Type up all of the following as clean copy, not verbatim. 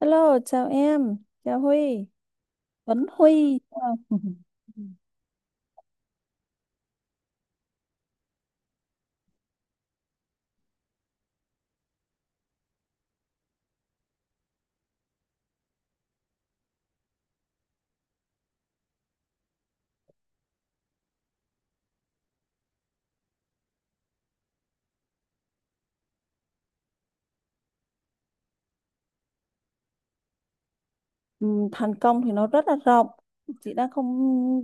Hello, chào em, chào Huy, Tuấn Huy. Ừ, thành công thì nó rất là rộng. Chị đang không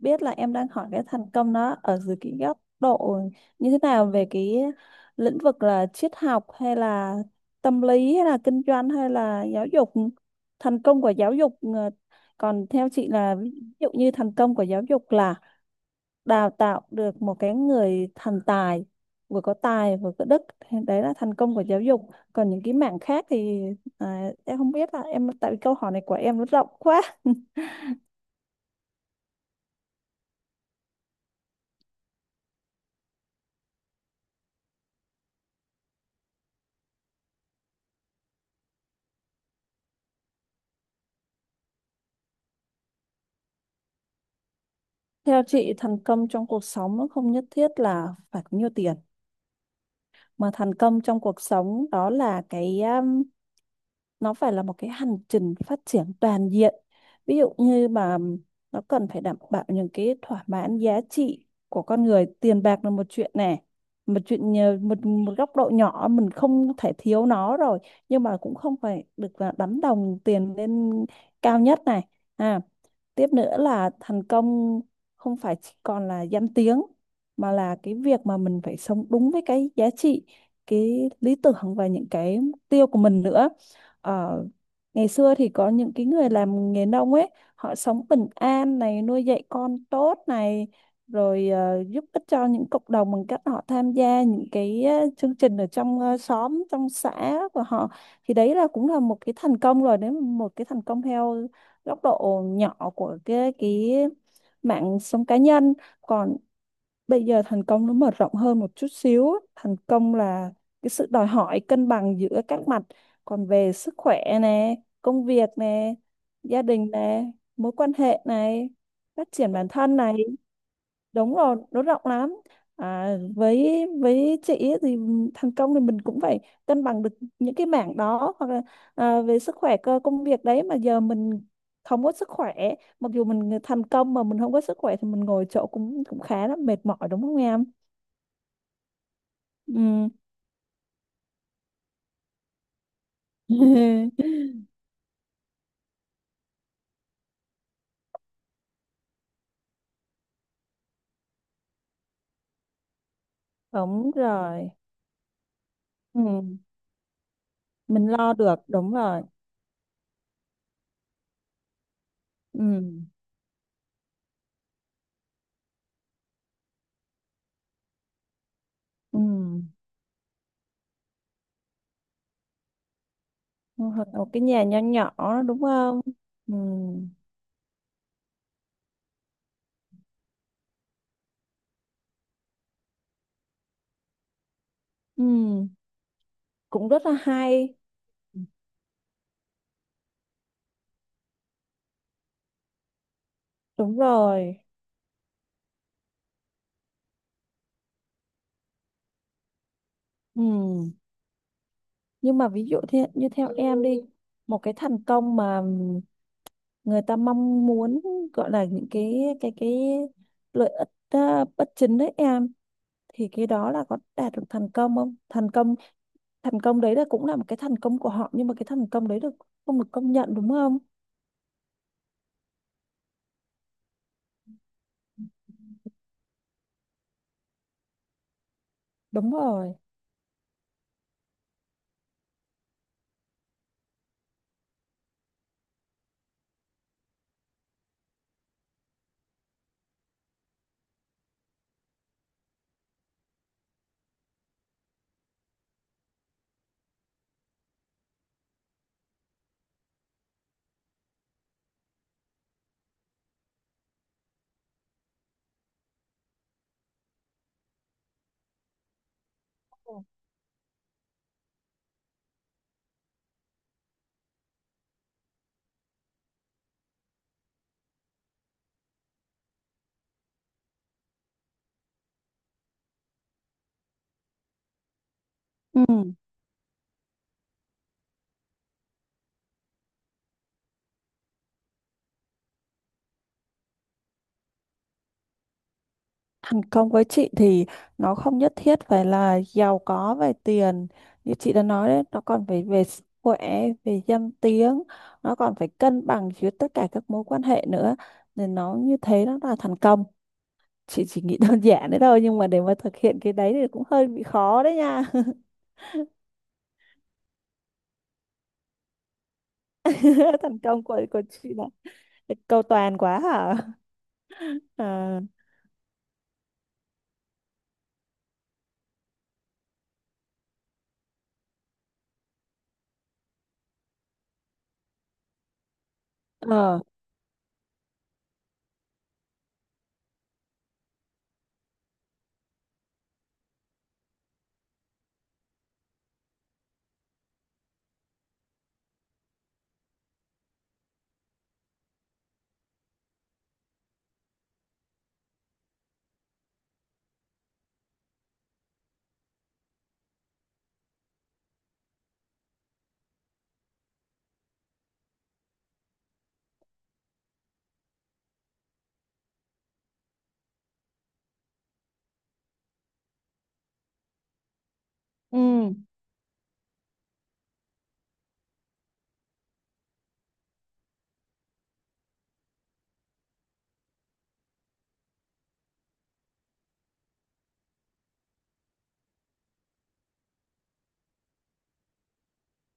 biết là em đang hỏi cái thành công nó ở dưới cái góc độ như thế nào, về cái lĩnh vực là triết học hay là tâm lý hay là kinh doanh hay là giáo dục. Thành công của giáo dục còn theo chị là ví dụ như thành công của giáo dục là đào tạo được một cái người thành tài, vừa có tài vừa có đức, thì đấy là thành công của giáo dục. Còn những cái mảng khác thì... À, em không biết là em, tại vì câu hỏi này của em nó rộng quá. Theo chị thành công trong cuộc sống nó không nhất thiết là phải có nhiều tiền, mà thành công trong cuộc sống đó là cái nó phải là một cái hành trình phát triển toàn diện. Ví dụ như mà nó cần phải đảm bảo những cái thỏa mãn giá trị của con người. Tiền bạc là một chuyện này, một chuyện nhờ- một một góc độ nhỏ mình không thể thiếu nó rồi, nhưng mà cũng không phải được là đánh đồng tiền lên cao nhất này. À, tiếp nữa là thành công không phải chỉ còn là danh tiếng, mà là cái việc mà mình phải sống đúng với cái giá trị, cái lý tưởng và những cái mục tiêu của mình nữa. Ở ngày xưa thì có những cái người làm nghề nông ấy, họ sống bình an này, nuôi dạy con tốt này, rồi giúp ích cho những cộng đồng bằng cách họ tham gia những cái chương trình ở trong xóm, trong xã của họ. Thì đấy là cũng là một cái thành công rồi, đấy là một cái thành công theo góc độ nhỏ của cái mạng sống cá nhân. Còn bây giờ thành công nó mở rộng hơn một chút xíu á. Thành công là cái sự đòi hỏi cân bằng giữa các mặt, còn về sức khỏe nè, công việc nè, gia đình nè, mối quan hệ này, phát triển bản thân này. Đúng rồi, nó rộng lắm. À, với chị ấy thì thành công thì mình cũng phải cân bằng được những cái mảng đó, hoặc là à, về sức khỏe cơ công việc đấy, mà giờ mình không có sức khỏe. Mặc dù mình thành công mà mình không có sức khỏe thì mình ngồi chỗ cũng cũng khá là mệt mỏi, đúng không em. Ừ. Đúng rồi. Ừ. Mình lo được, đúng rồi. Ừ. Ừ. Hoặc là một cái nhà nhỏ nhỏ, đúng không. Ừ. Ừ. Cũng rất là hay. Đúng rồi. Ừ. Nhưng mà ví dụ thế, như theo em đi, một cái thành công mà người ta mong muốn, gọi là những cái lợi ích à, bất chính đấy em, thì cái đó là có đạt được thành công không? thành công đấy là cũng là một cái thành công của họ, nhưng mà cái thành công đấy được không được công nhận, đúng không? Đúng rồi. Ừ. Thành công với chị thì nó không nhất thiết phải là giàu có về tiền, như chị đã nói đấy, nó còn phải về sức khỏe, về danh tiếng, nó còn phải cân bằng giữa tất cả các mối quan hệ nữa, nên nó như thế nó là thành công. Chị chỉ nghĩ đơn giản đấy thôi, nhưng mà để mà thực hiện cái đấy thì cũng hơi bị khó đấy nha. Thành công của chị là cầu toàn quá hả? À, ờ, ừ.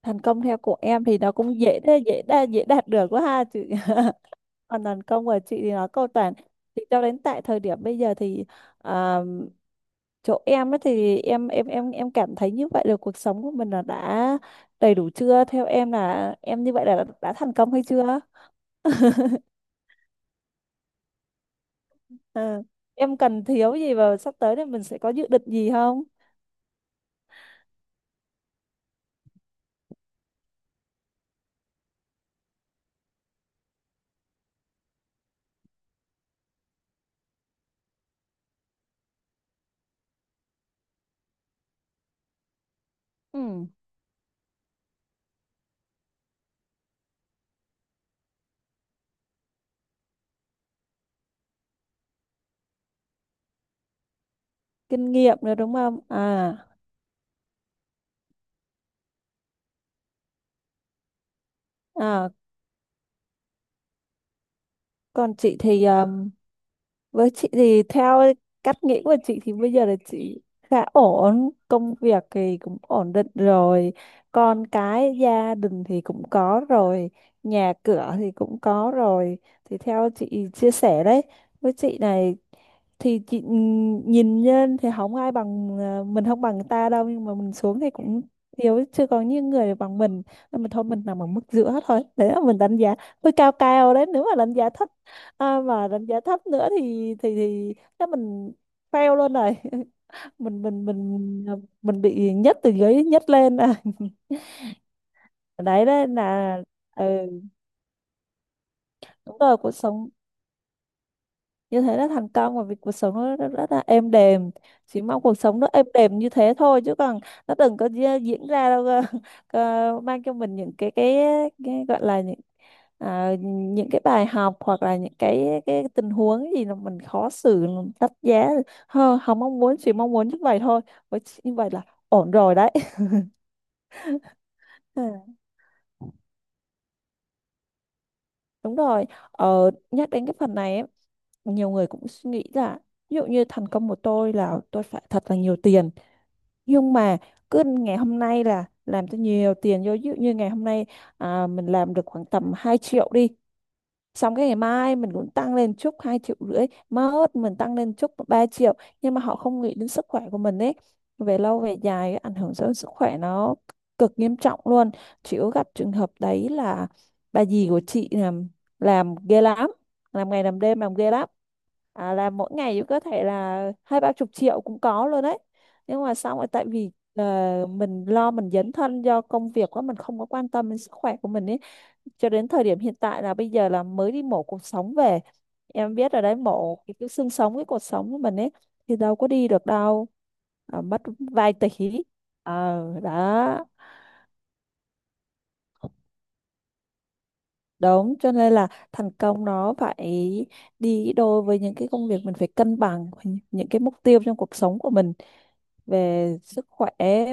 Thành công theo của em thì nó cũng dễ thế, dễ đa dễ đạt được quá ha chị, còn đàn công của chị thì nó cầu toàn, thì cho đến tại thời điểm bây giờ thì à, chỗ em ấy thì em cảm thấy như vậy là cuộc sống của mình là đã đầy đủ chưa, theo em là em như vậy là đã thành công hay chưa. Ờ, em cần thiếu gì và sắp tới thì mình sẽ có dự định gì không? Ừ. Kinh nghiệm nữa đúng không à. À, còn chị thì với chị thì theo cách nghĩ của chị thì bây giờ là chị khá ổn, công việc thì cũng ổn định rồi, con cái gia đình thì cũng có rồi, nhà cửa thì cũng có rồi. Thì theo chị chia sẻ đấy, với chị này thì chị nhìn nhân thì không ai bằng à, mình không bằng người ta đâu, nhưng mà mình xuống thì cũng thiếu chưa có những người bằng mình, nên mình thôi mình nằm ở mức giữa thôi, đấy là mình đánh giá hơi cao cao đấy, nếu mà đánh giá thấp à, mà đánh giá thấp nữa thì chắc mình fail luôn rồi. mình mình mình mình bị nhất từ dưới nhất lên à. Đấy đấy là ừ, đúng rồi. Cuộc sống như thế là thành công, và vì cuộc sống nó rất, rất là êm đềm, chỉ mong cuộc sống nó êm đềm như thế thôi, chứ còn nó đừng có diễn ra đâu cơ. Cơ mang cho mình những cái gọi là những à, những cái bài học, hoặc là những cái tình huống gì mà mình khó xử, mình đắt giá. Hơ, không mong muốn, chỉ mong muốn như vậy thôi, với chị như vậy là ổn rồi đấy. Ừ, đúng rồi. Nhắc đến cái phần này ấy, nhiều người cũng suy nghĩ là ví dụ như thành công của tôi là tôi phải thật là nhiều tiền, nhưng mà cứ ngày hôm nay là làm cho nhiều tiền vô. Ví dụ như ngày hôm nay à, mình làm được khoảng tầm 2 triệu đi, xong cái ngày mai mình cũng tăng lên chút 2,5 triệu, mốt mình tăng lên chút 3 triệu, nhưng mà họ không nghĩ đến sức khỏe của mình ấy. Về lâu về dài ảnh hưởng tới sức khỏe nó cực nghiêm trọng luôn. Chị có gặp trường hợp đấy là bà dì của chị làm ghê lắm, làm ngày làm đêm, làm ghê lắm. À, làm mỗi ngày cũng có thể là hai ba chục triệu cũng có luôn đấy, nhưng mà xong rồi tại vì mình lo mình dấn thân do công việc quá, mình không có quan tâm đến sức khỏe của mình ấy, cho đến thời điểm hiện tại là bây giờ là mới đi mổ cột sống về. Em biết ở đấy mổ cái xương sống cái cột sống của mình ấy, thì đâu có đi được đâu. À, mất vài tỷ. Ờ đó. Đúng, cho nên là thành công nó phải đi đôi với những cái công việc, mình phải cân bằng những cái mục tiêu trong cuộc sống của mình, về sức khỏe,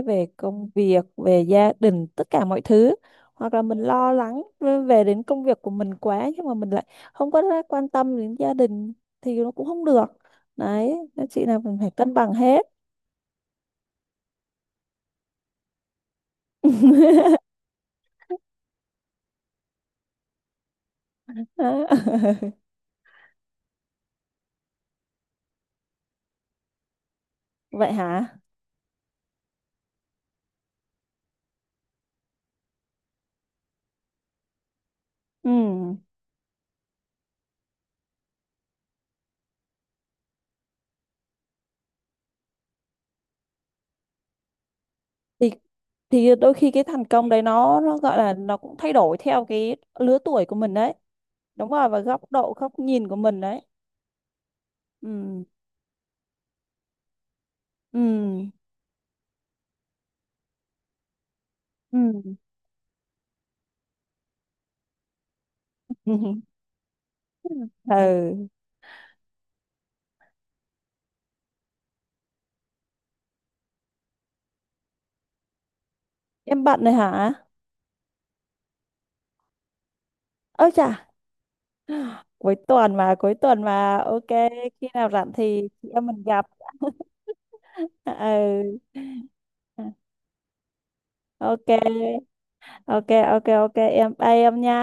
về công việc, về gia đình, tất cả mọi thứ. Hoặc là mình lo lắng về đến công việc của mình quá, nhưng mà mình lại không có ra quan tâm đến gia đình, thì nó cũng không được. Đấy nên chị nào mình phải cân bằng hết. Đó. Vậy hả? Ừ, thì thì đôi khi cái thành công đấy nó gọi là nó cũng thay đổi theo cái lứa tuổi của mình đấy. Đúng rồi, và góc độ, góc nhìn của mình đấy. Ừ. Ừ. Ừ. Ừ. Em bận rồi hả? Ơ chà, cuối tuần mà, ok, khi nào rảnh thì chị em mình gặp. Ừ. Ok, ok, ok, ok. Em bye em nha.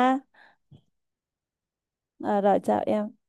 Ờ, rồi chào em.